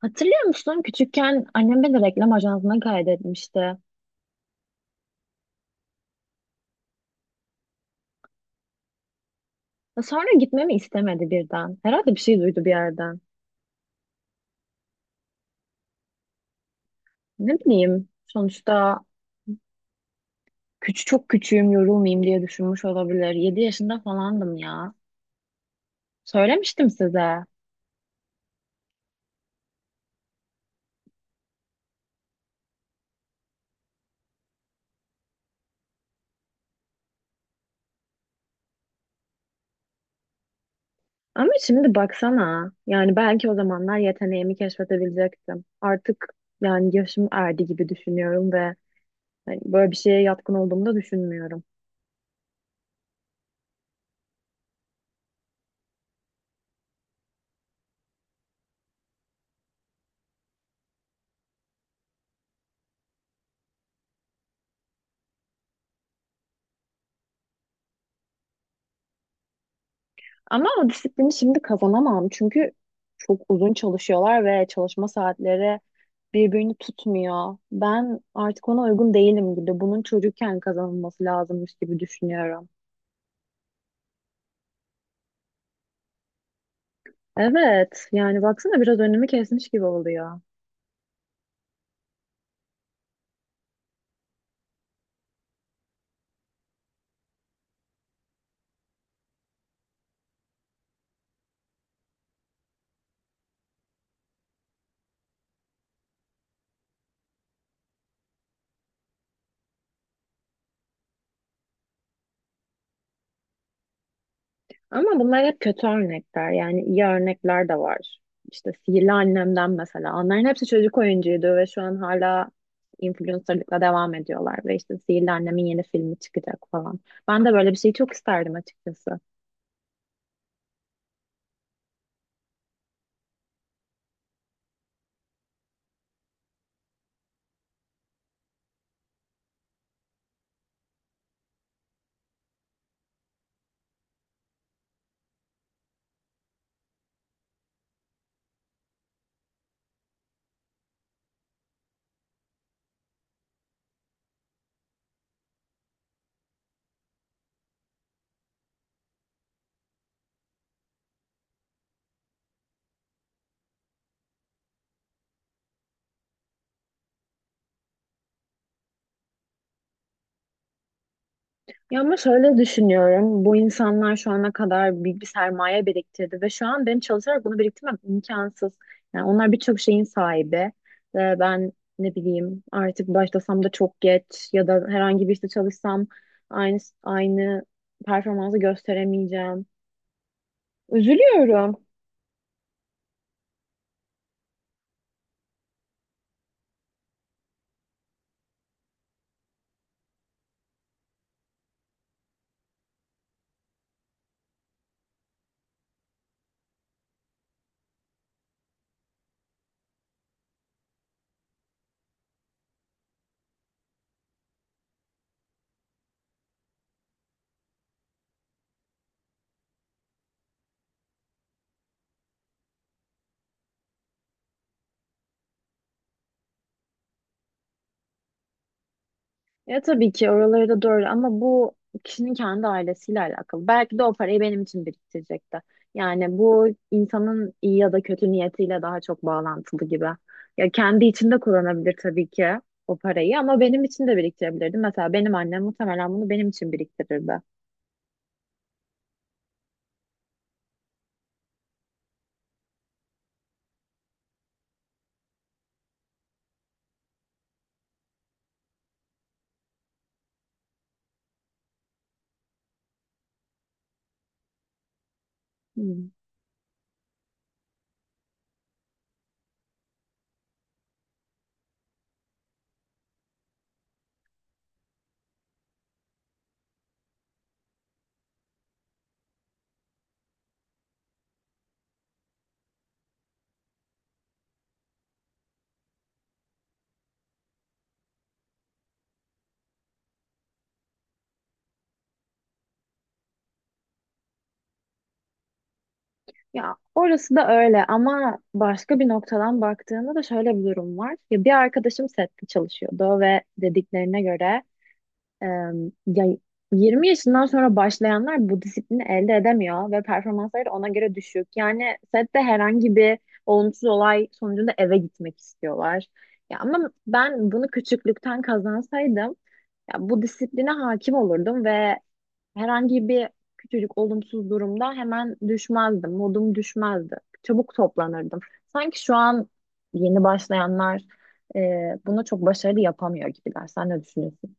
Hatırlıyor musun? Küçükken annem beni reklam ajansına kaydetmişti. Ve sonra gitmemi istemedi birden. Herhalde bir şey duydu bir yerden. Ne bileyim. Sonuçta küçük çok küçüğüm yorulmayayım diye düşünmüş olabilir. 7 yaşında falandım ya. Söylemiştim size. Ama şimdi baksana. Yani belki o zamanlar yeteneğimi keşfedebilecektim. Artık yani yaşım erdi gibi düşünüyorum ve hani böyle bir şeye yatkın olduğumu da düşünmüyorum. Ama o disiplini şimdi kazanamam. Çünkü çok uzun çalışıyorlar ve çalışma saatleri birbirini tutmuyor. Ben artık ona uygun değilim gibi. Bunun çocukken kazanılması lazımmış gibi düşünüyorum. Evet, yani baksana biraz önümü kesmiş gibi oluyor. Ama bunlar hep kötü örnekler. Yani iyi örnekler de var. İşte Sihirli Annem'den mesela. Onların hepsi çocuk oyuncuydu ve şu an hala influencerlıkla devam ediyorlar. Ve işte Sihirli Annem'in yeni filmi çıkacak falan. Ben de böyle bir şeyi çok isterdim açıkçası. Ya ama şöyle düşünüyorum. Bu insanlar şu ana kadar büyük bir sermaye biriktirdi ve şu an benim çalışarak bunu biriktirmem imkansız. Yani onlar birçok şeyin sahibi ve ben ne bileyim artık başlasam da çok geç ya da herhangi bir işte çalışsam aynı aynı performansı gösteremeyeceğim. Üzülüyorum. Ya tabii ki oraları da doğru ama bu kişinin kendi ailesiyle alakalı. Belki de o parayı benim için biriktirecekti. Yani bu insanın iyi ya da kötü niyetiyle daha çok bağlantılı gibi. Ya kendi içinde kullanabilir tabii ki o parayı ama benim için de biriktirebilirdi. Mesela benim annem muhtemelen bunu benim için biriktirirdi. Hmm. Ya orası da öyle ama başka bir noktadan baktığında da şöyle bir durum var. Ya bir arkadaşım sette çalışıyordu ve dediklerine göre Ee, ya 20 yaşından sonra başlayanlar bu disiplini elde edemiyor ve performansları ona göre düşük. Yani sette herhangi bir olumsuz olay sonucunda eve gitmek istiyorlar. Ya ama ben bunu küçüklükten kazansaydım ya bu disipline hakim olurdum ve herhangi bir küçücük olumsuz durumda hemen düşmezdim. Modum düşmezdi. Çabuk toplanırdım. Sanki şu an yeni başlayanlar e, bunu çok başarılı yapamıyor gibiler. Sen ne düşünüyorsun?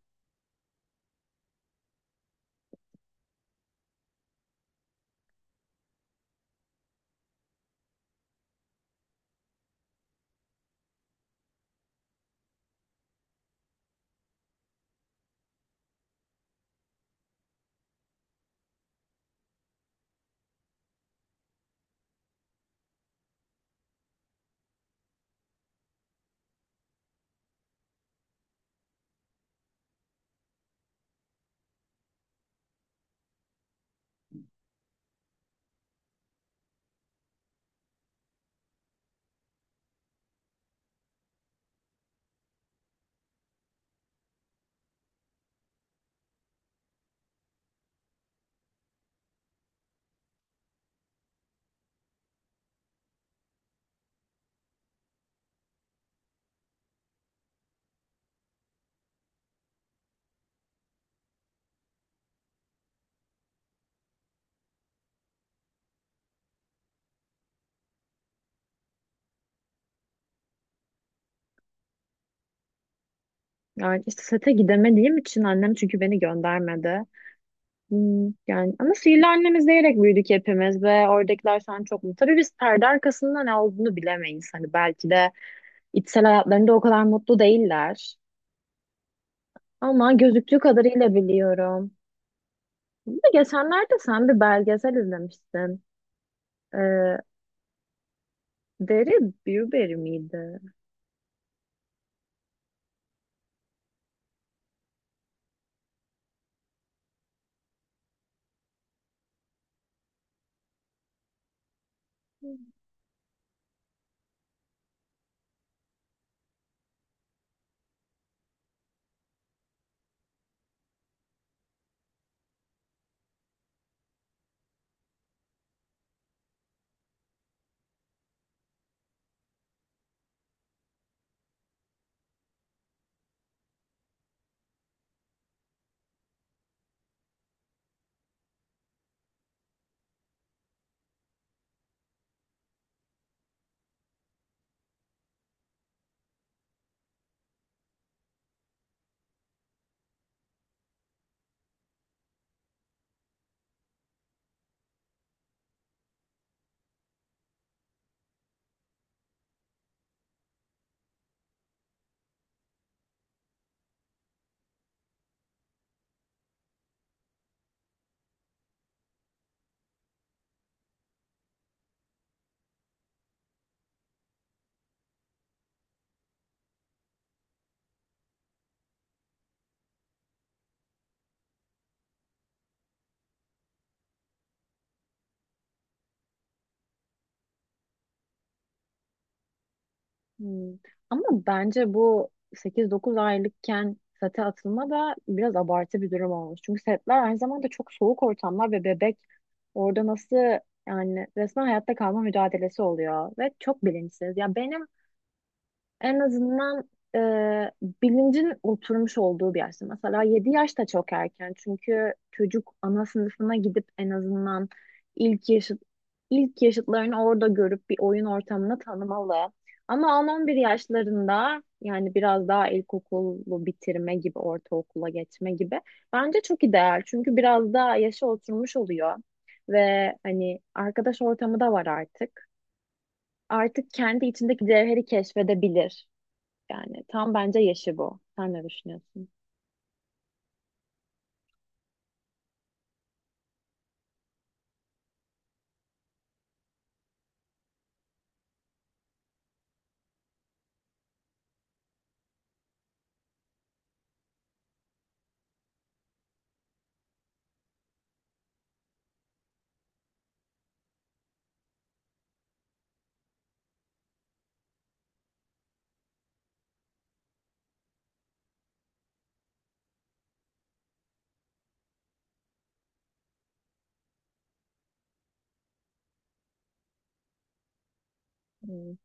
Yani işte sete gidemediğim için annem çünkü beni göndermedi. Yani ama sihirli annemi izleyerek büyüdük hepimiz ve oradakiler sen çok mutlu. Tabii biz perde arkasında ne olduğunu bilemeyiz. Hani belki de içsel hayatlarında o kadar mutlu değiller. Ama gözüktüğü kadarıyla biliyorum. Bir de geçenlerde sen bir belgesel izlemiştin. Ee, Deri Bürberry miydi? Hmm. Ama bence bu 8-9 aylıkken sete atılma da biraz abartı bir durum olmuş. Çünkü setler aynı zamanda çok soğuk ortamlar ve bebek orada nasıl yani resmen hayatta kalma mücadelesi oluyor ve çok bilinçsiz. Ya benim en azından e, bilincin oturmuş olduğu bir yaşta. Mesela 7 yaş da çok erken. Çünkü çocuk ana sınıfına gidip en azından ilk yaşıt ilk yaşıtlarını orada görüp bir oyun ortamını tanımalı. Ama 10-11 yaşlarında yani biraz daha ilkokulu bitirme gibi, ortaokula geçme gibi bence çok ideal. Çünkü biraz daha yaşa oturmuş oluyor ve hani arkadaş ortamı da var artık. Artık kendi içindeki cevheri keşfedebilir. Yani tam bence yaşı bu. Sen ne düşünüyorsun? Hmm.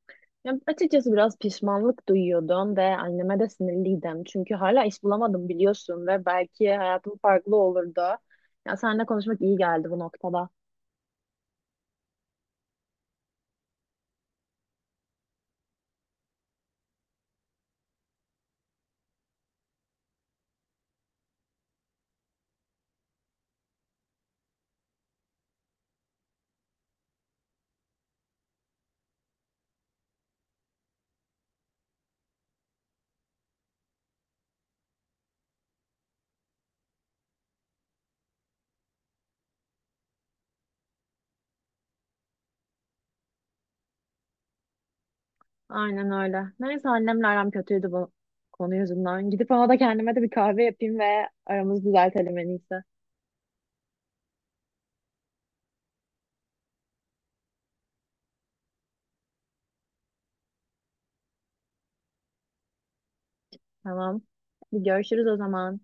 Ya açıkçası biraz pişmanlık duyuyordum ve anneme de sinirliydim. Çünkü hala iş bulamadım biliyorsun ve belki hayatım farklı olurdu. Ya seninle konuşmak iyi geldi bu noktada. Aynen öyle. Neyse annemle aram kötüydü bu konu yüzünden. Gidip ona da kendime de bir kahve yapayım ve aramızı düzeltelim en iyisi. Tamam. Bir görüşürüz o zaman.